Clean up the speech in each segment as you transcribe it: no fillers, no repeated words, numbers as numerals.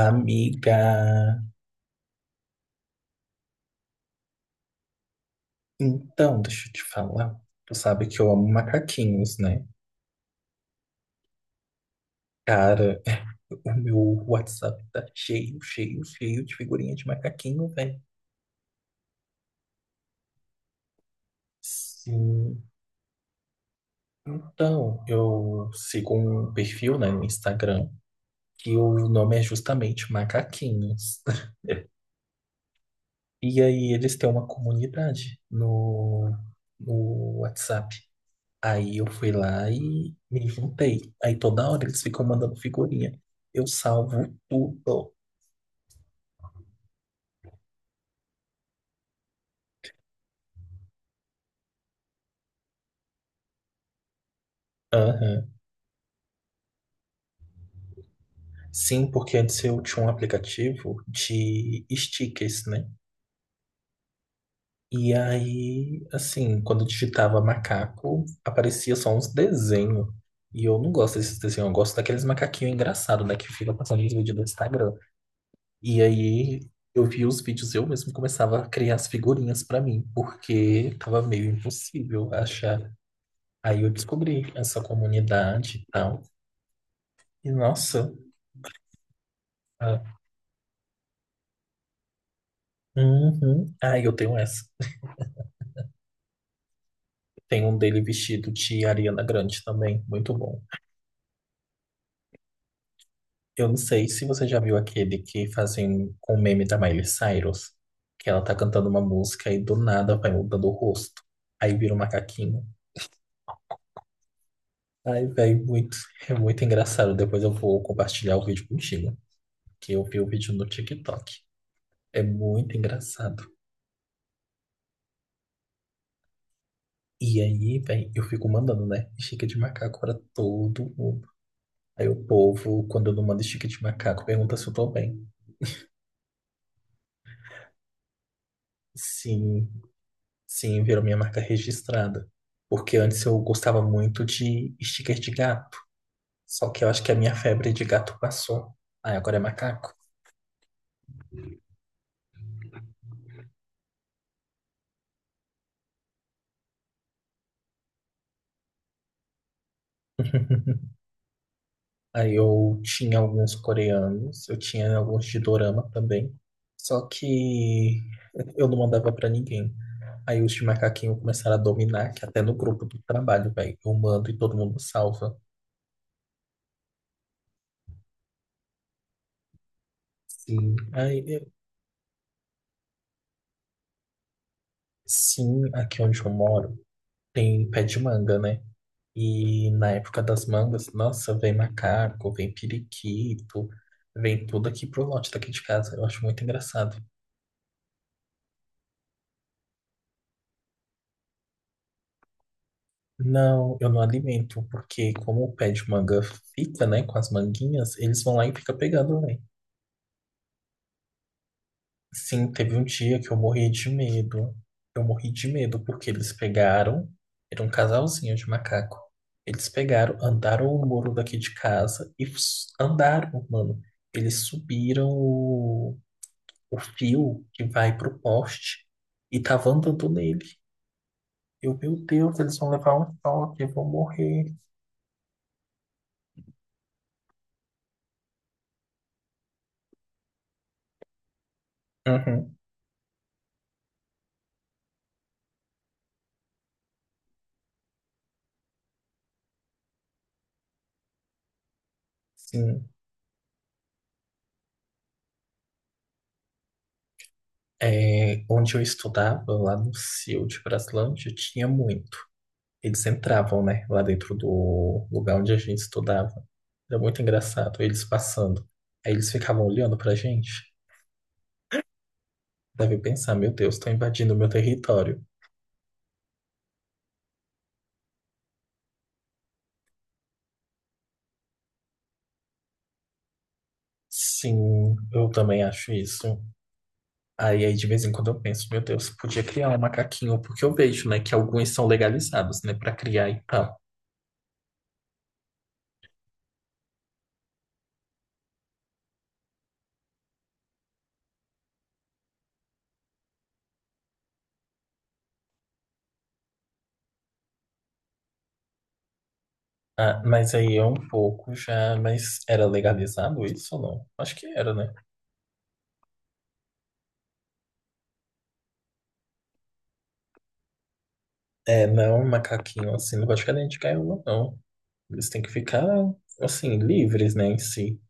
Amiga, então, deixa eu te falar. Tu sabe que eu amo macaquinhos, né? Cara, o meu WhatsApp tá cheio, cheio, cheio de figurinha de macaquinho, velho. Sim. Então, eu sigo um perfil, né, no Instagram, que o nome é justamente Macaquinhos. E aí eles têm uma comunidade no WhatsApp. Aí eu fui lá e me juntei. Aí toda hora eles ficam mandando figurinha. Eu salvo tudo. Aham. Sim, porque antes eu tinha um aplicativo de stickers, né? E aí, assim, quando eu digitava macaco, aparecia só uns desenhos. E eu não gosto desses desenhos, eu gosto daqueles macaquinhos engraçados, né? Que fica passando os vídeos do Instagram. E aí eu via os vídeos e eu mesmo começava a criar as figurinhas pra mim, porque tava meio impossível achar. Aí eu descobri essa comunidade e tal. E nossa, ah, uhum. Ah, eu tenho essa. Tem um dele vestido de Ariana Grande também, muito bom. Eu não sei se você já viu aquele que fazem com o meme da Miley Cyrus, que ela tá cantando uma música e do nada vai mudando o rosto. Aí vira um macaquinho. Ai, velho, muito, é muito engraçado. Depois eu vou compartilhar o vídeo contigo, que eu vi o vídeo no TikTok. É muito engraçado. E aí, velho, eu fico mandando, né? Estica de macaco pra todo mundo. Aí o povo, quando eu não mando estica de macaco, pergunta se eu tô bem. Sim, sim, virou minha marca registrada. Porque antes eu gostava muito de sticker de gato. Só que eu acho que a minha febre de gato passou. Aí agora é macaco. Aí eu tinha alguns coreanos, eu tinha alguns de dorama também. Só que eu não mandava pra ninguém. Aí os de macaquinho começaram a dominar, que até no grupo do trabalho, velho, eu mando e todo mundo salva. Sim. Sim, aqui onde eu moro tem pé de manga, né? E na época das mangas, nossa, vem macaco, vem periquito, vem tudo aqui pro lote daqui de casa. Eu acho muito engraçado. Não, eu não alimento, porque como o pé de manga fica, né, com as manguinhas, eles vão lá e fica pegando, né? Sim, teve um dia que eu morri de medo. Eu morri de medo porque eles pegaram, era um casalzinho de macaco. Eles pegaram, andaram o muro daqui de casa andaram, mano. Eles subiram o fio que vai pro poste e tava andando nele. Eu, meu Deus, eles vão levar um choque, eu vou morrer. Uhum, sim. É, onde eu estudava, lá no CIU de Braslândia, tinha muito. Eles entravam, né, lá dentro do lugar onde a gente estudava. Era muito engraçado, eles passando. Aí eles ficavam olhando pra gente. Deve pensar, meu Deus, estão invadindo o meu território. Sim, eu também acho isso. Aí de vez em quando eu penso, meu Deus, podia criar um macaquinho, porque eu vejo, né, que alguns são legalizados, né, pra criar e tal. Ah, mas aí é um pouco já, mas era legalizado isso ou não? Acho que era, né? É, não, um macaquinho assim, não pode ficar dentro de gaiola, não. Eles têm que ficar, assim, livres, né, em si.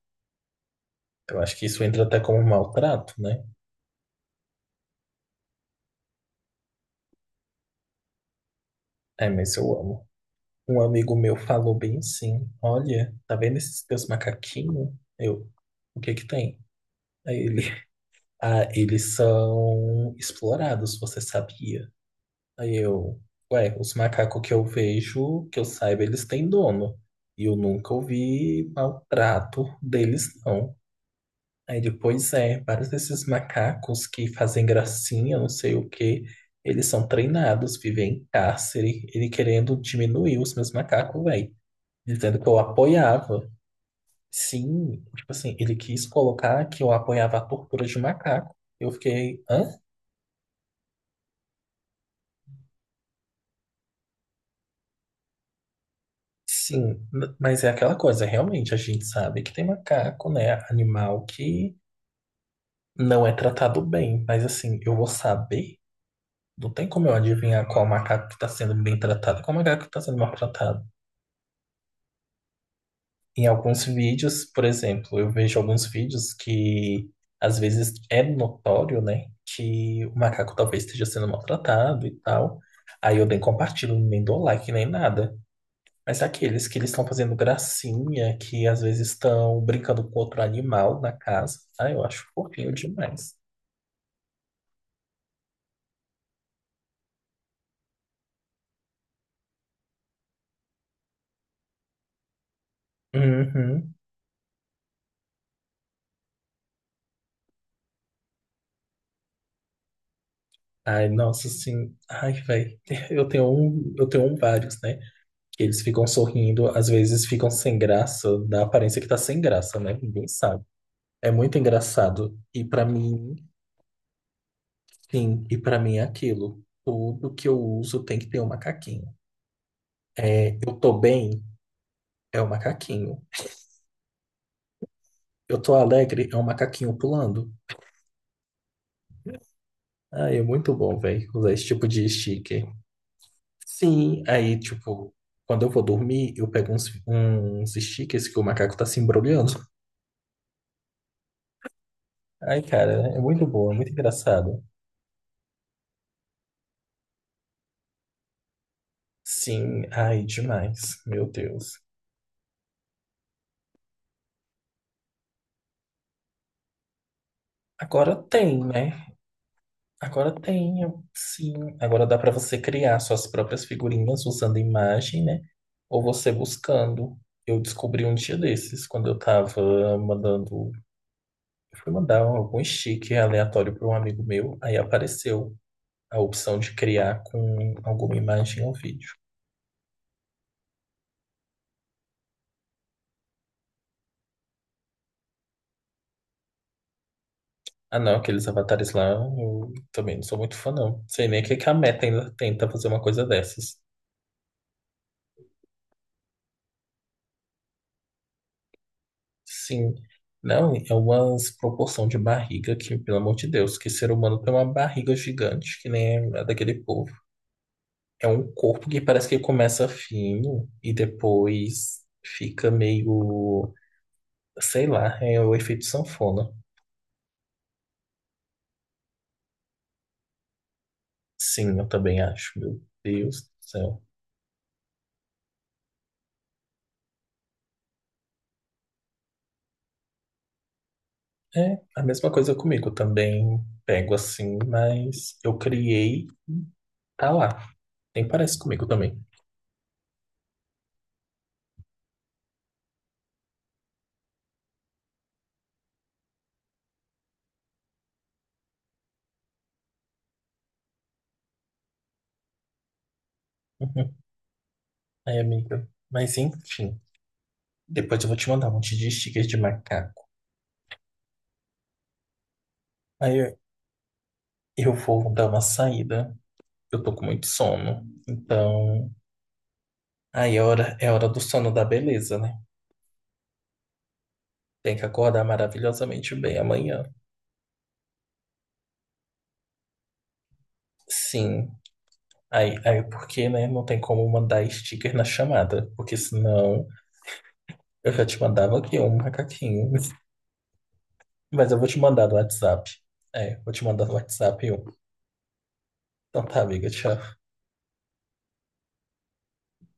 Eu acho que isso entra até como um maltrato, né? É, mas eu amo. Um amigo meu falou bem assim, olha, tá vendo esses teus macaquinhos? Eu, o que que tem? Aí ele, ah, eles são explorados, você sabia? Aí eu, ué, os macacos que eu vejo, que eu saiba, eles têm dono. E eu nunca ouvi maltrato deles, não. Aí depois é, vários desses macacos que fazem gracinha, não sei o quê, eles são treinados, vivem em cárcere, ele querendo diminuir os meus macacos, velho, dizendo que eu apoiava. Sim, tipo assim, ele quis colocar que eu apoiava a tortura de macaco. Eu fiquei, hã? Sim, mas é aquela coisa, realmente, a gente sabe que tem macaco, né, animal que não é tratado bem, mas assim, eu vou saber? Não tem como eu adivinhar qual macaco que está sendo bem tratado, e qual macaco que está sendo maltratado. Em alguns vídeos, por exemplo, eu vejo alguns vídeos que às vezes é notório, né, que o macaco talvez esteja sendo maltratado e tal. Aí eu nem compartilho, nem dou like, nem nada. Mas é aqueles que eles estão fazendo gracinha, que às vezes estão brincando com outro animal na casa, ah, eu acho fofinho demais. Uhum. Ai, nossa, assim, ai, velho, eu tenho um vários, né? Que eles ficam sorrindo, às vezes ficam sem graça, dá a aparência que tá sem graça, né? Ninguém sabe. É muito engraçado. E pra mim é aquilo. Tudo que eu uso tem que ter um macaquinho. É, eu tô bem, é o macaquinho. Eu tô alegre, é um macaquinho pulando. Ah, é muito bom, velho, usar esse tipo de sticker. Sim, aí, tipo, quando eu vou dormir, eu pego uns, uns stickers que o macaco tá se embrulhando. Ai, cara, é muito bom, é muito engraçado. Sim, ai, demais, meu Deus. Agora tem, né? Agora tem, sim. Agora dá para você criar suas próprias figurinhas usando imagem, né? Ou você buscando. Eu descobri um dia desses, quando eu tava mandando. Eu fui mandar algum stick aleatório para um amigo meu, aí apareceu a opção de criar com alguma imagem ou vídeo. Ah, não, aqueles avatares lá, eu também não sou muito fã, não. Sei nem o que que a Meta ainda tenta fazer uma coisa dessas. Sim. Não, é uma proporção de barriga que, pelo amor de Deus, que ser humano tem uma barriga gigante, que nem a daquele povo. É um corpo que parece que começa fino e depois fica meio, sei lá, é o efeito sanfona. Sim, eu também acho, meu Deus do céu. É a mesma coisa comigo, eu também pego assim, mas eu criei, tá lá. Nem parece comigo também. Uhum. Aí, amiga. Mas enfim, depois eu vou te mandar um monte de stickers de macaco. Aí eu vou dar uma saída. Eu tô com muito sono. Então, é hora do sono da beleza, né? Tem que acordar maravilhosamente bem amanhã. Sim. Aí porque, né? Não tem como mandar sticker na chamada. Porque senão eu já te mandava aqui um macaquinho. Mas eu vou te mandar no WhatsApp. É, vou te mandar no WhatsApp um. Então tá, amiga, tchau.